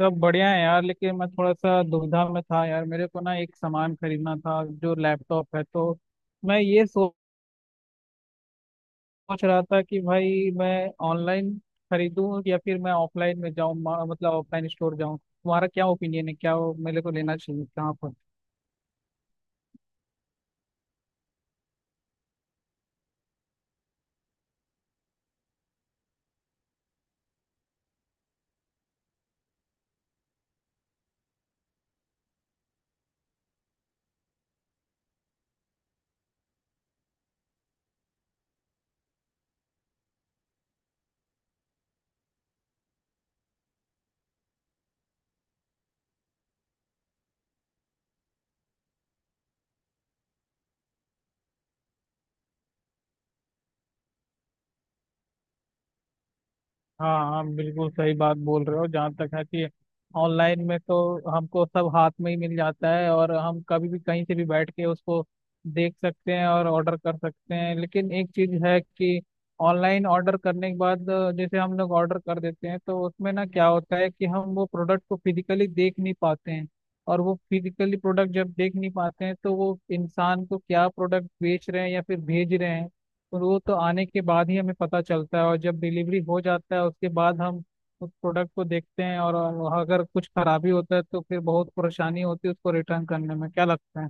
सब बढ़िया है यार। लेकिन मैं थोड़ा सा दुविधा में था यार। मेरे को ना एक सामान खरीदना था, जो लैपटॉप है। तो मैं ये सोच रहा था कि भाई मैं ऑनलाइन खरीदूं या फिर मैं ऑफलाइन में जाऊं, मतलब ऑफलाइन स्टोर जाऊं। तुम्हारा क्या ओपिनियन है, क्या वो मेरे को लेना चाहिए, कहाँ पर? हाँ हाँ, बिल्कुल सही बात बोल रहे हो। जहाँ तक है कि ऑनलाइन में तो हमको सब हाथ में ही मिल जाता है, और हम कभी भी कहीं से भी बैठ के उसको देख सकते हैं और ऑर्डर कर सकते हैं। लेकिन एक चीज है कि ऑनलाइन ऑर्डर करने के बाद, जैसे हम लोग ऑर्डर कर देते हैं, तो उसमें ना क्या होता है कि हम वो प्रोडक्ट को फिजिकली देख नहीं पाते हैं। और वो फिजिकली प्रोडक्ट जब देख नहीं पाते हैं, तो वो इंसान को क्या प्रोडक्ट बेच रहे हैं या फिर भेज रहे हैं, और वो तो आने के बाद ही हमें पता चलता है। और जब डिलीवरी हो जाता है, उसके बाद हम उस प्रोडक्ट को देखते हैं, और अगर कुछ खराबी होता है तो फिर बहुत परेशानी होती है उसको रिटर्न करने में, क्या लगता है?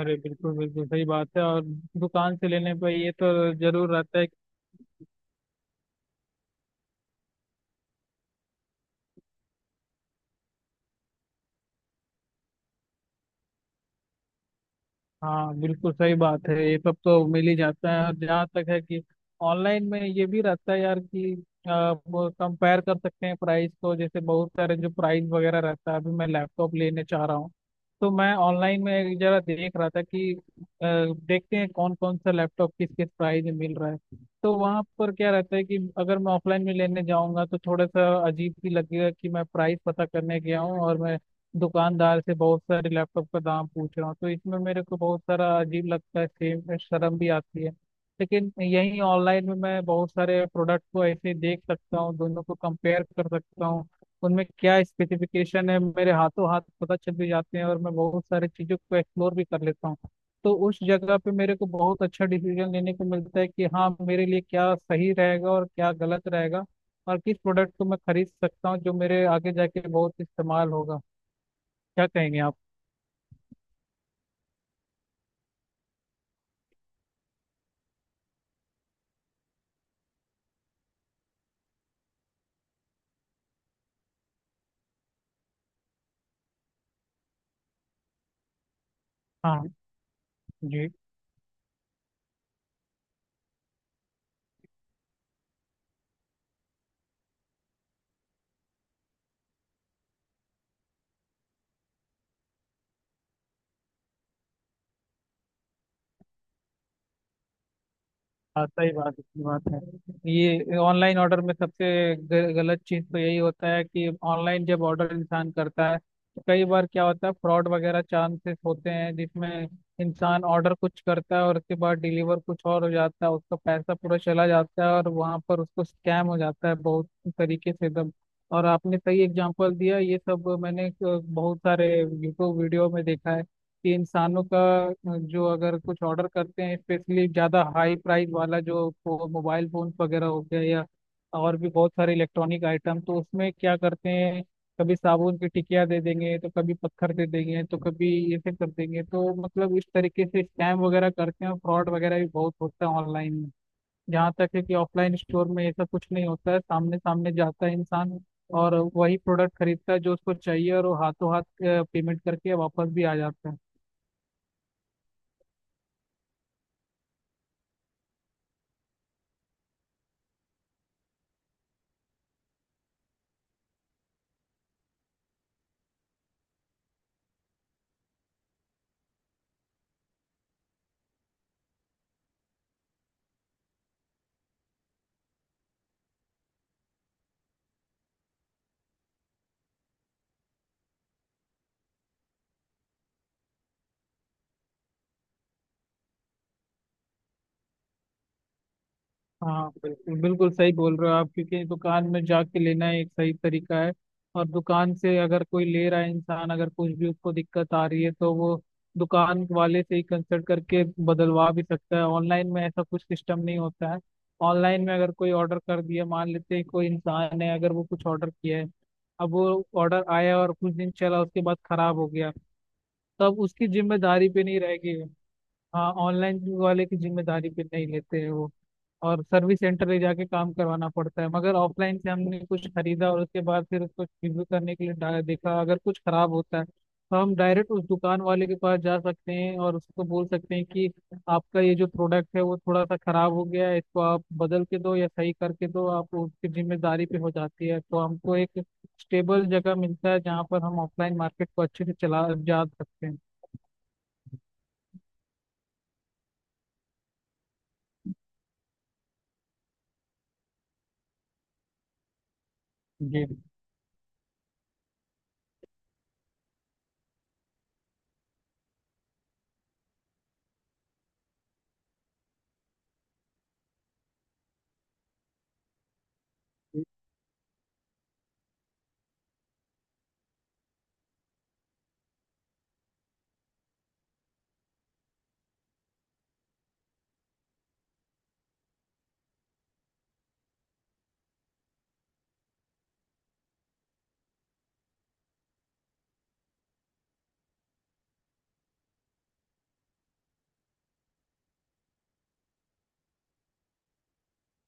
अरे बिल्कुल बिल्कुल सही बात है, और दुकान से लेने पर ये तो जरूर रहता है। हाँ बिल्कुल सही बात है, ये सब तो मिल ही जाता है। और जहाँ तक है कि ऑनलाइन में ये भी रहता है यार कि आप कंपेयर कर सकते हैं प्राइस को। जैसे बहुत सारे जो प्राइस वगैरह रहता है, अभी मैं लैपटॉप लेने चाह रहा हूँ, तो मैं ऑनलाइन में जरा देख रहा था कि देखते हैं कौन कौन सा लैपटॉप किस किस प्राइस में मिल रहा है। तो वहाँ पर क्या रहता है कि अगर मैं ऑफलाइन में लेने जाऊँगा तो थोड़ा सा अजीब भी लगेगा कि मैं प्राइस पता करने गया हूँ और मैं दुकानदार से बहुत सारे लैपटॉप का दाम पूछ रहा हूँ। तो इसमें मेरे को बहुत सारा अजीब लगता है, सेम शर्म भी आती है। लेकिन यहीं ऑनलाइन में मैं बहुत सारे प्रोडक्ट को ऐसे देख सकता हूँ, दोनों को कंपेयर कर सकता हूँ, उनमें क्या स्पेसिफिकेशन है मेरे हाथों हाथ पता चल भी जाते हैं, और मैं बहुत सारी चीज़ों को एक्सप्लोर भी कर लेता हूँ। तो उस जगह पे मेरे को बहुत अच्छा डिसीजन लेने को मिलता है कि हाँ मेरे लिए क्या सही रहेगा और क्या गलत रहेगा, और किस प्रोडक्ट को मैं खरीद सकता हूँ जो मेरे आगे जाके बहुत इस्तेमाल होगा। क्या कहेंगे आप? हाँ। जी। हाँ सही बात, इसकी बात है। ये ऑनलाइन ऑर्डर में सबसे गलत चीज़ तो यही होता है कि ऑनलाइन जब ऑर्डर इंसान करता है तो कई बार क्या होता है, फ्रॉड वगैरह चांसेस होते हैं, जिसमें इंसान ऑर्डर कुछ करता है और उसके बाद डिलीवर कुछ और हो जाता है, उसका पैसा पूरा चला जाता है और वहाँ पर उसको स्कैम हो जाता है बहुत तरीके से एकदम। और आपने सही एग्जांपल दिया, ये सब मैंने बहुत सारे यूट्यूब वीडियो में देखा है कि इंसानों का अ, जो अगर कुछ ऑर्डर करते हैं स्पेशली ज़्यादा हाई प्राइस वाला, जो मोबाइल फोन वगैरह हो गया या और भी बहुत सारे इलेक्ट्रॉनिक आइटम, तो उसमें क्या करते हैं, कभी साबुन की टिकिया दे देंगे तो कभी पत्थर दे देंगे तो कभी ऐसे कर देंगे। तो मतलब इस तरीके से स्कैम वगैरह करते हैं और फ्रॉड वगैरह भी बहुत होता है ऑनलाइन में। जहाँ तक है कि ऑफलाइन स्टोर में ऐसा कुछ नहीं होता है, सामने सामने जाता है इंसान और वही प्रोडक्ट खरीदता है जो उसको चाहिए, और वो हाथों हाथ पेमेंट करके वापस भी आ जाता है। हाँ बिल्कुल बिल्कुल सही बोल रहे हो आप, क्योंकि दुकान में जाके लेना एक सही तरीका है। और दुकान से अगर कोई ले रहा है, इंसान अगर कुछ भी उसको दिक्कत आ रही है, तो वो दुकान वाले से ही कंसल्ट करके बदलवा भी सकता है। ऑनलाइन में ऐसा कुछ सिस्टम नहीं होता है। ऑनलाइन में अगर कोई ऑर्डर कर दिया, मान लेते हैं कोई इंसान है, अगर वो कुछ ऑर्डर किया है, अब वो ऑर्डर आया और कुछ दिन चला उसके बाद खराब हो गया, तब उसकी जिम्मेदारी पे नहीं रहेगी। हाँ, ऑनलाइन वाले की जिम्मेदारी पे नहीं लेते हैं वो, और सर्विस सेंटर ले जाके काम करवाना पड़ता है। मगर ऑफलाइन से हमने कुछ खरीदा और उसके बाद फिर उसको रिव्यू करने के लिए देखा, अगर कुछ खराब होता है तो हम डायरेक्ट उस दुकान वाले के पास जा सकते हैं और उसको बोल सकते हैं कि आपका ये जो प्रोडक्ट है वो थोड़ा सा खराब हो गया है, इसको आप बदल के दो या सही करके दो। आप उसकी जिम्मेदारी पे हो जाती है, तो हमको एक स्टेबल जगह मिलता है जहाँ पर हम ऑफलाइन मार्केट को अच्छे से चला जा सकते हैं। जी।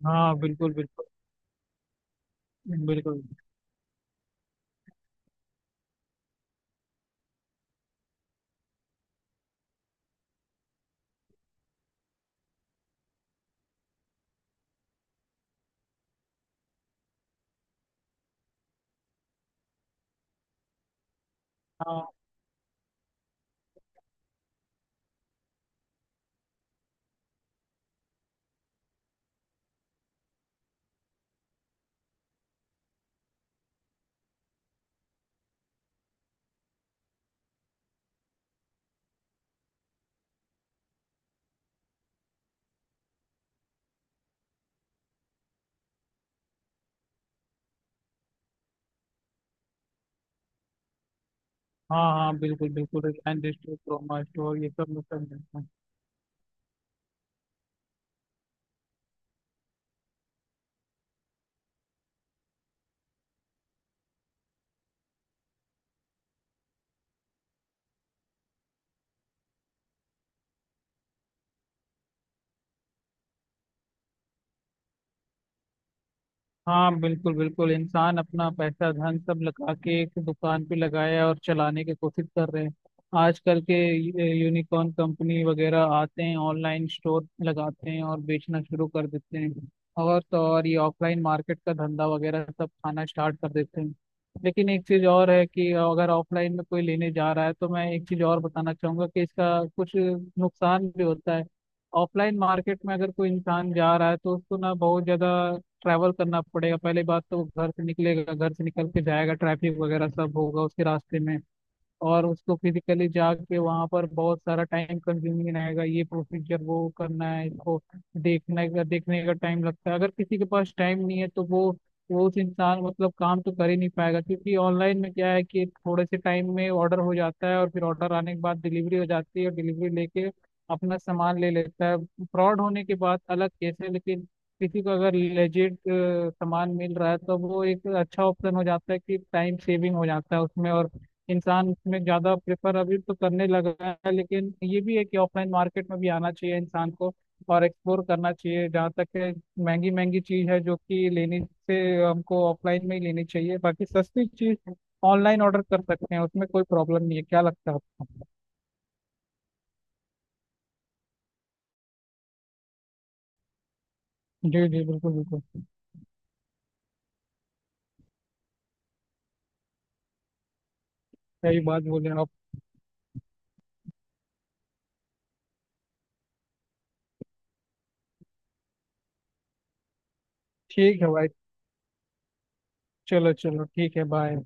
हाँ बिल्कुल बिल्कुल बिल्कुल। हाँ हाँ, हाँ बिल्कुल बिल्कुल, रिलायंस स्टोर, क्रोमा स्टोर, ये सब मैं सब देखता हूँ। हाँ बिल्कुल बिल्कुल, इंसान अपना पैसा धन सब लगा के एक दुकान पे लगाया और चलाने की कोशिश कर रहे हैं। आजकल के यूनिकॉर्न कंपनी वगैरह आते हैं, ऑनलाइन स्टोर लगाते हैं और बेचना शुरू कर देते हैं, और तो और ये ऑफलाइन मार्केट का धंधा वगैरह सब खाना स्टार्ट कर देते हैं। लेकिन एक चीज़ और है कि अगर ऑफलाइन में कोई लेने जा रहा है, तो मैं एक चीज़ और बताना चाहूंगा कि इसका कुछ नुकसान भी होता है। ऑफलाइन मार्केट में अगर कोई इंसान जा रहा है, तो उसको ना बहुत ज़्यादा ट्रैवल करना पड़ेगा। पहले बात तो वो घर से निकलेगा, घर से निकल के जाएगा, ट्रैफिक वगैरह सब होगा उसके रास्ते में, और उसको फिजिकली जाके वहां पर बहुत सारा टाइम कंज्यूमिंग रहेगा, ये प्रोसीजर वो करना है इसको। देखने का टाइम लगता है, अगर किसी के पास टाइम नहीं है तो वो उस इंसान मतलब काम तो कर ही नहीं पाएगा। क्योंकि ऑनलाइन में क्या है कि थोड़े से टाइम में ऑर्डर हो जाता है, और फिर ऑर्डर आने के बाद डिलीवरी हो जाती है और डिलीवरी लेके अपना सामान ले लेता है। फ्रॉड होने के बाद अलग केस है, लेकिन किसी को अगर लेजिट सामान मिल रहा है तो वो एक अच्छा ऑप्शन हो जाता है कि टाइम सेविंग हो जाता है उसमें, और इंसान उसमें ज्यादा प्रेफर अभी तो करने लगा है। लेकिन ये भी है कि ऑफलाइन मार्केट में भी आना चाहिए इंसान को, और एक्सप्लोर करना चाहिए। जहाँ तक है, महंगी महंगी चीज है जो कि लेने से हमको ऑफलाइन में ही लेनी चाहिए, बाकी सस्ती चीज ऑनलाइन ऑर्डर कर सकते हैं, उसमें कोई प्रॉब्लम नहीं है। क्या लगता है आपको? जी जी बिल्कुल बिल्कुल। सही बात बोले आप। ठीक है भाई। चलो चलो, ठीक है, बाय।